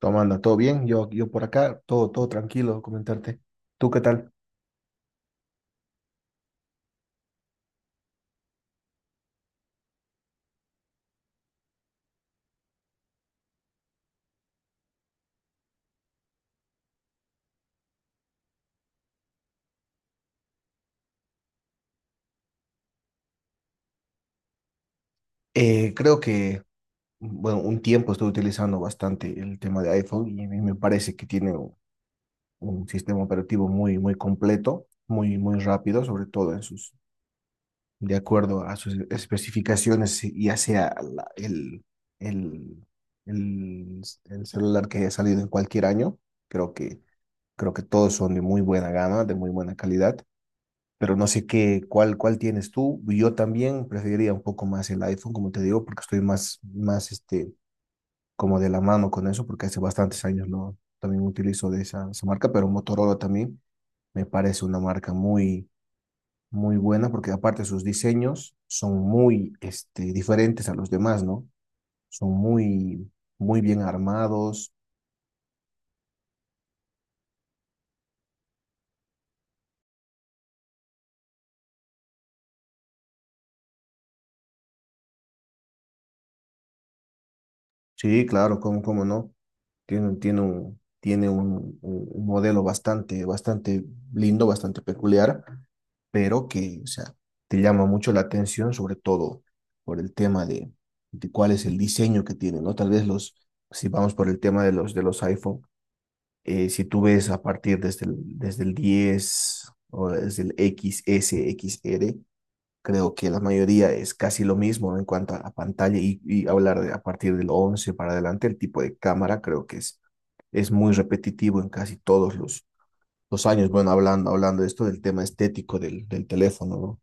¿Cómo anda? ¿Todo bien? Yo por acá, todo tranquilo, comentarte. ¿Tú qué tal? Eh, creo que, bueno, un tiempo estoy utilizando bastante el tema de iPhone, y a mí me parece que tiene un sistema operativo muy completo, muy rápido, sobre todo en sus, de acuerdo a sus especificaciones, y hacia el, el celular que haya salido en cualquier año. Creo que, creo que todos son de muy buena gama, de muy buena calidad. Pero no sé qué, cuál tienes tú. Yo también preferiría un poco más el iPhone, como te digo, porque estoy más como de la mano con eso, porque hace bastantes años lo también utilizo de esa marca. Pero Motorola también me parece una marca muy buena, porque aparte sus diseños son muy este, diferentes a los demás, ¿no? Son muy, muy bien armados. Sí, claro, cómo no. Tiene un modelo bastante lindo, bastante peculiar, pero que, o sea, te llama mucho la atención, sobre todo por el tema de cuál es el diseño que tiene, ¿no? Tal vez los, si vamos por el tema de los iPhone, si tú ves a partir desde el 10 o desde el X S X R. Creo que la mayoría es casi lo mismo, ¿no?, en cuanto a la pantalla, y hablar de, a partir del 11 para adelante, el tipo de cámara creo que es muy repetitivo en casi todos los años. Bueno, hablando de esto del tema estético del, del teléfono, ¿no?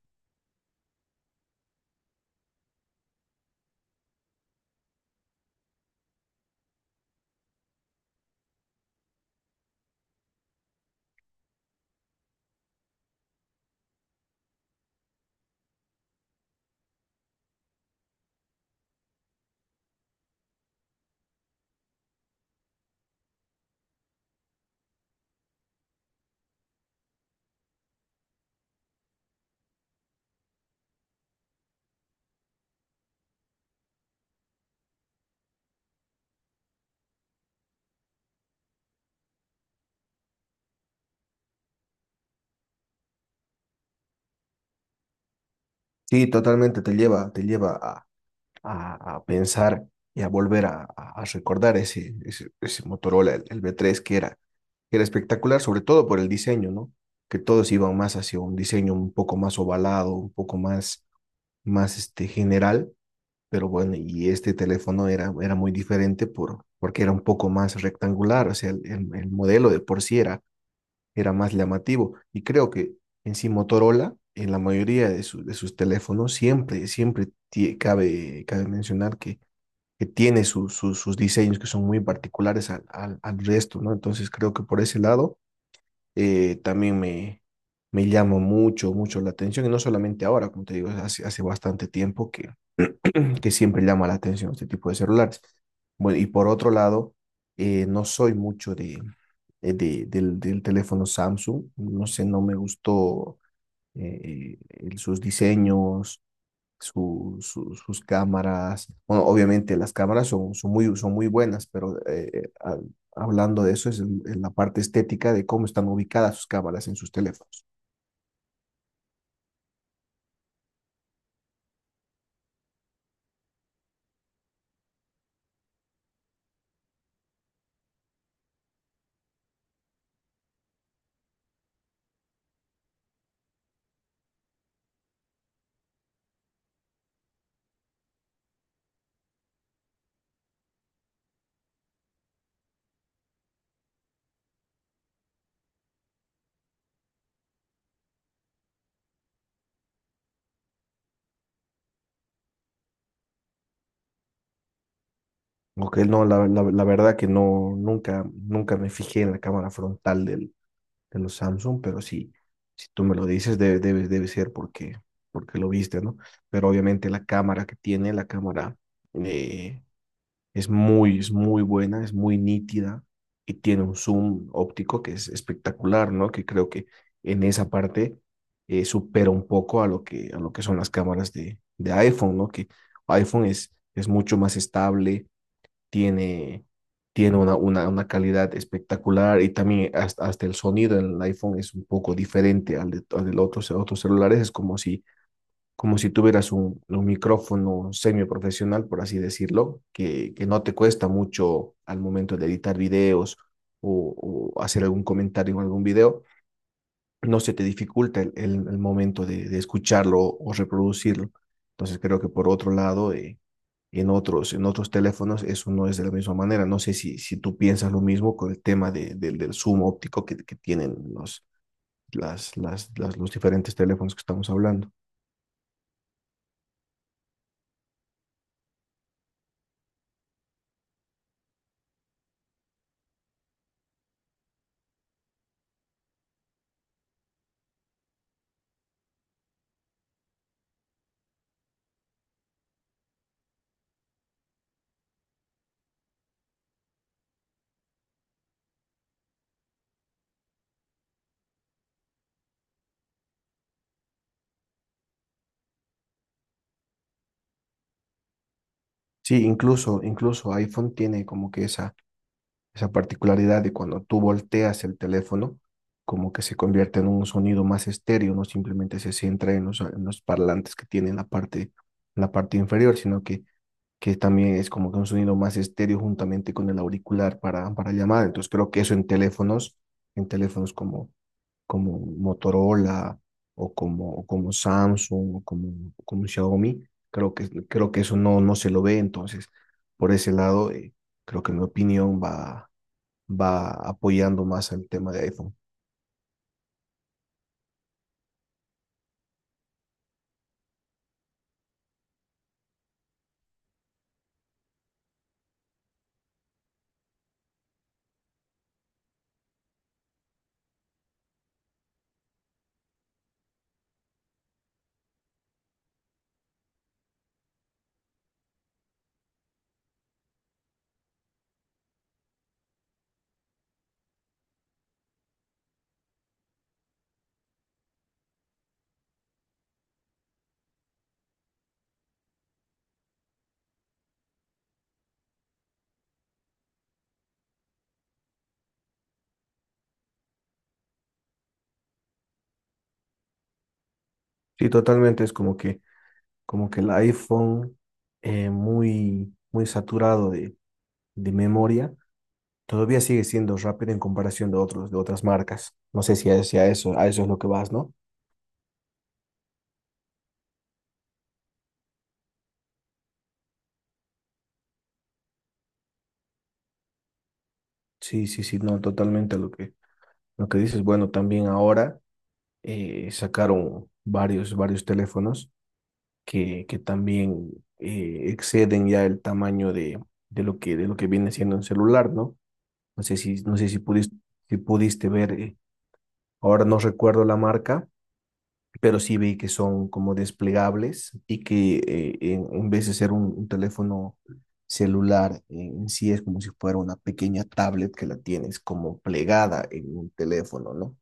Sí, totalmente te lleva a pensar y a volver a, a recordar ese Motorola, el V3, que era espectacular, sobre todo por el diseño, ¿no? Que todos iban más hacia un diseño un poco más ovalado, un poco más más este, general. Pero bueno, y este teléfono era muy diferente por, porque era un poco más rectangular, o sea, el modelo de por sí era, era más llamativo. Y creo que en sí Motorola, en la mayoría de, su- de sus teléfonos, siempre cabe mencionar que tiene su- su- sus diseños que son muy particulares al resto, ¿no? Entonces creo que por ese lado también me... Me llama mucho la atención, y no solamente ahora, como te digo, hace bastante tiempo que siempre llama la atención este tipo de celulares. Bueno, y por otro lado, no soy mucho de- del, del teléfono Samsung, no sé, no me gustó el- sus diseños, su- su- sus cámaras. Bueno, obviamente las cámaras son, son muy buenas, pero ha- hablando de eso es en la parte estética de cómo están ubicadas sus cámaras en sus teléfonos. Ok, no, la verdad que no, nunca me fijé en la cámara frontal del, de los Samsung, pero sí, si tú me lo dices, debe ser porque, porque lo viste, ¿no? Pero obviamente la cámara que tiene, la cámara eh, es es muy buena, es muy nítida, y tiene un zoom óptico que es espectacular, ¿no? Que creo que en esa parte supera un poco a lo que son las cámaras de iPhone, ¿no? Que iPhone es mucho más estable, tiene, tiene una calidad espectacular, y también hasta el sonido en el iPhone es un poco diferente al de, al del otro, otros celulares. Es como si tuvieras un micrófono semiprofesional, por así decirlo, que no te cuesta mucho al momento de editar videos, o hacer algún comentario en algún video. No se te dificulta el momento de escucharlo o reproducirlo. Entonces creo que por otro lado... en otros teléfonos eso no es de la misma manera. No sé si, si tú piensas lo mismo con el tema de- del zoom óptico que tienen los, los diferentes teléfonos que estamos hablando. Sí, incluso iPhone tiene como que esa particularidad de cuando tú volteas el teléfono, como que se convierte en un sonido más estéreo, no simplemente se centra en los parlantes que tiene en la parte inferior, sino que también es como que un sonido más estéreo juntamente con el auricular para llamar. Entonces creo que eso en teléfonos como, como Motorola, o como Samsung, o como, como Xiaomi, creo que eso no, no se lo ve. Entonces, por ese lado, creo que mi opinión va, va apoyando más al tema de iPhone. Sí, totalmente, es como que el iPhone muy saturado de memoria, todavía sigue siendo rápido en comparación de otros, de otras marcas. No sé si a, si a eso, a eso es lo que vas, ¿no? Sí, sí, sí, no, totalmente lo que dices. Bueno, también ahora sacaron varios teléfonos que también exceden ya el tamaño de lo que viene siendo un celular, ¿no? No sé si, no sé si pudiste, si pudiste ver, ahora no recuerdo la marca, pero sí vi que son como desplegables, y que en vez de ser un teléfono celular, en sí es como si fuera una pequeña tablet que la tienes como plegada en un teléfono, ¿no?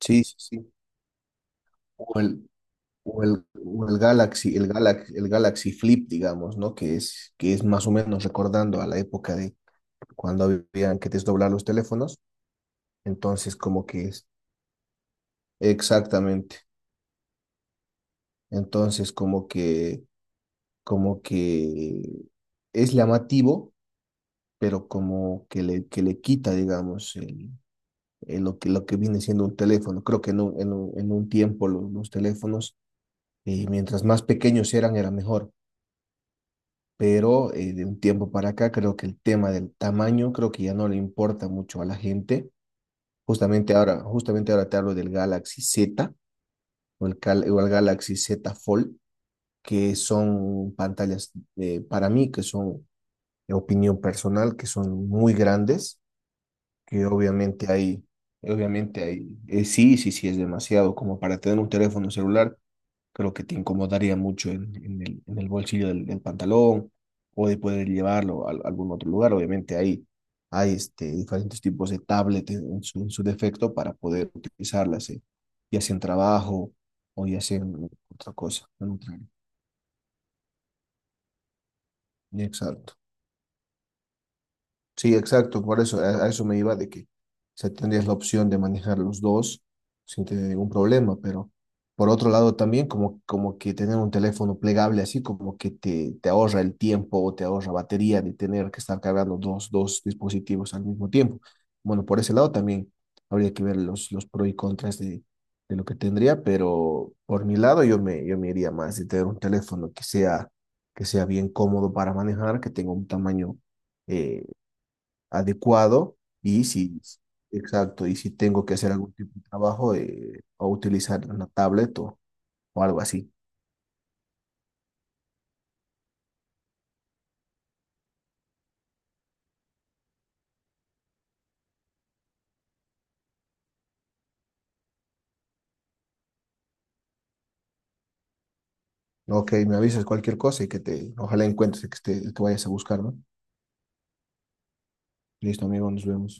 Sí, sí, sí. O el, o el Galaxy, el Galaxy Flip, digamos, ¿no? Que es más o menos recordando a la época de cuando habían que desdoblar los teléfonos. Entonces, como que es exactamente. Entonces, como que como que es llamativo, pero como que le quita, digamos, el lo que viene siendo un teléfono. Creo que en un, en un, en un tiempo lo- los, teléfonos, mientras más pequeños eran, era mejor. Pero de un tiempo para acá, creo que el tema del tamaño, creo que ya no le importa mucho a la gente. Justamente ahora te hablo del Galaxy Z, o el Galaxy Z Fold, que son pantallas para mí que son opinión personal, que son muy grandes, que obviamente hay, sí, sí, sí, es demasiado, como para tener un teléfono celular, creo que te incomodaría mucho en el bolsillo del, del pantalón, o de poder llevarlo a algún otro lugar, obviamente hay este, diferentes tipos de tablet en su defecto para poder utilizarlas, ya sea en trabajo, o ya sea en otra cosa, en otra área. Exacto. Sí, exacto, por eso, a eso me iba de que se sea, tendrías la opción de manejar los dos sin tener ningún problema, pero por otro lado también como, como que tener un teléfono plegable así como que te ahorra el tiempo, o te ahorra batería de tener que estar cargando dos, dos dispositivos al mismo tiempo. Bueno, por ese lado también habría que ver los pros y contras de lo que tendría, pero por mi lado yo me iría más de tener un teléfono que sea bien cómodo para manejar, que tenga un tamaño eh, adecuado, y si, exacto, y si tengo que hacer algún tipo de trabajo, o utilizar una tablet, o algo así. Ok, me avisas cualquier cosa, y que te, ojalá encuentres que te, que vayas a buscar, ¿no? Listo, amigo, nos vemos.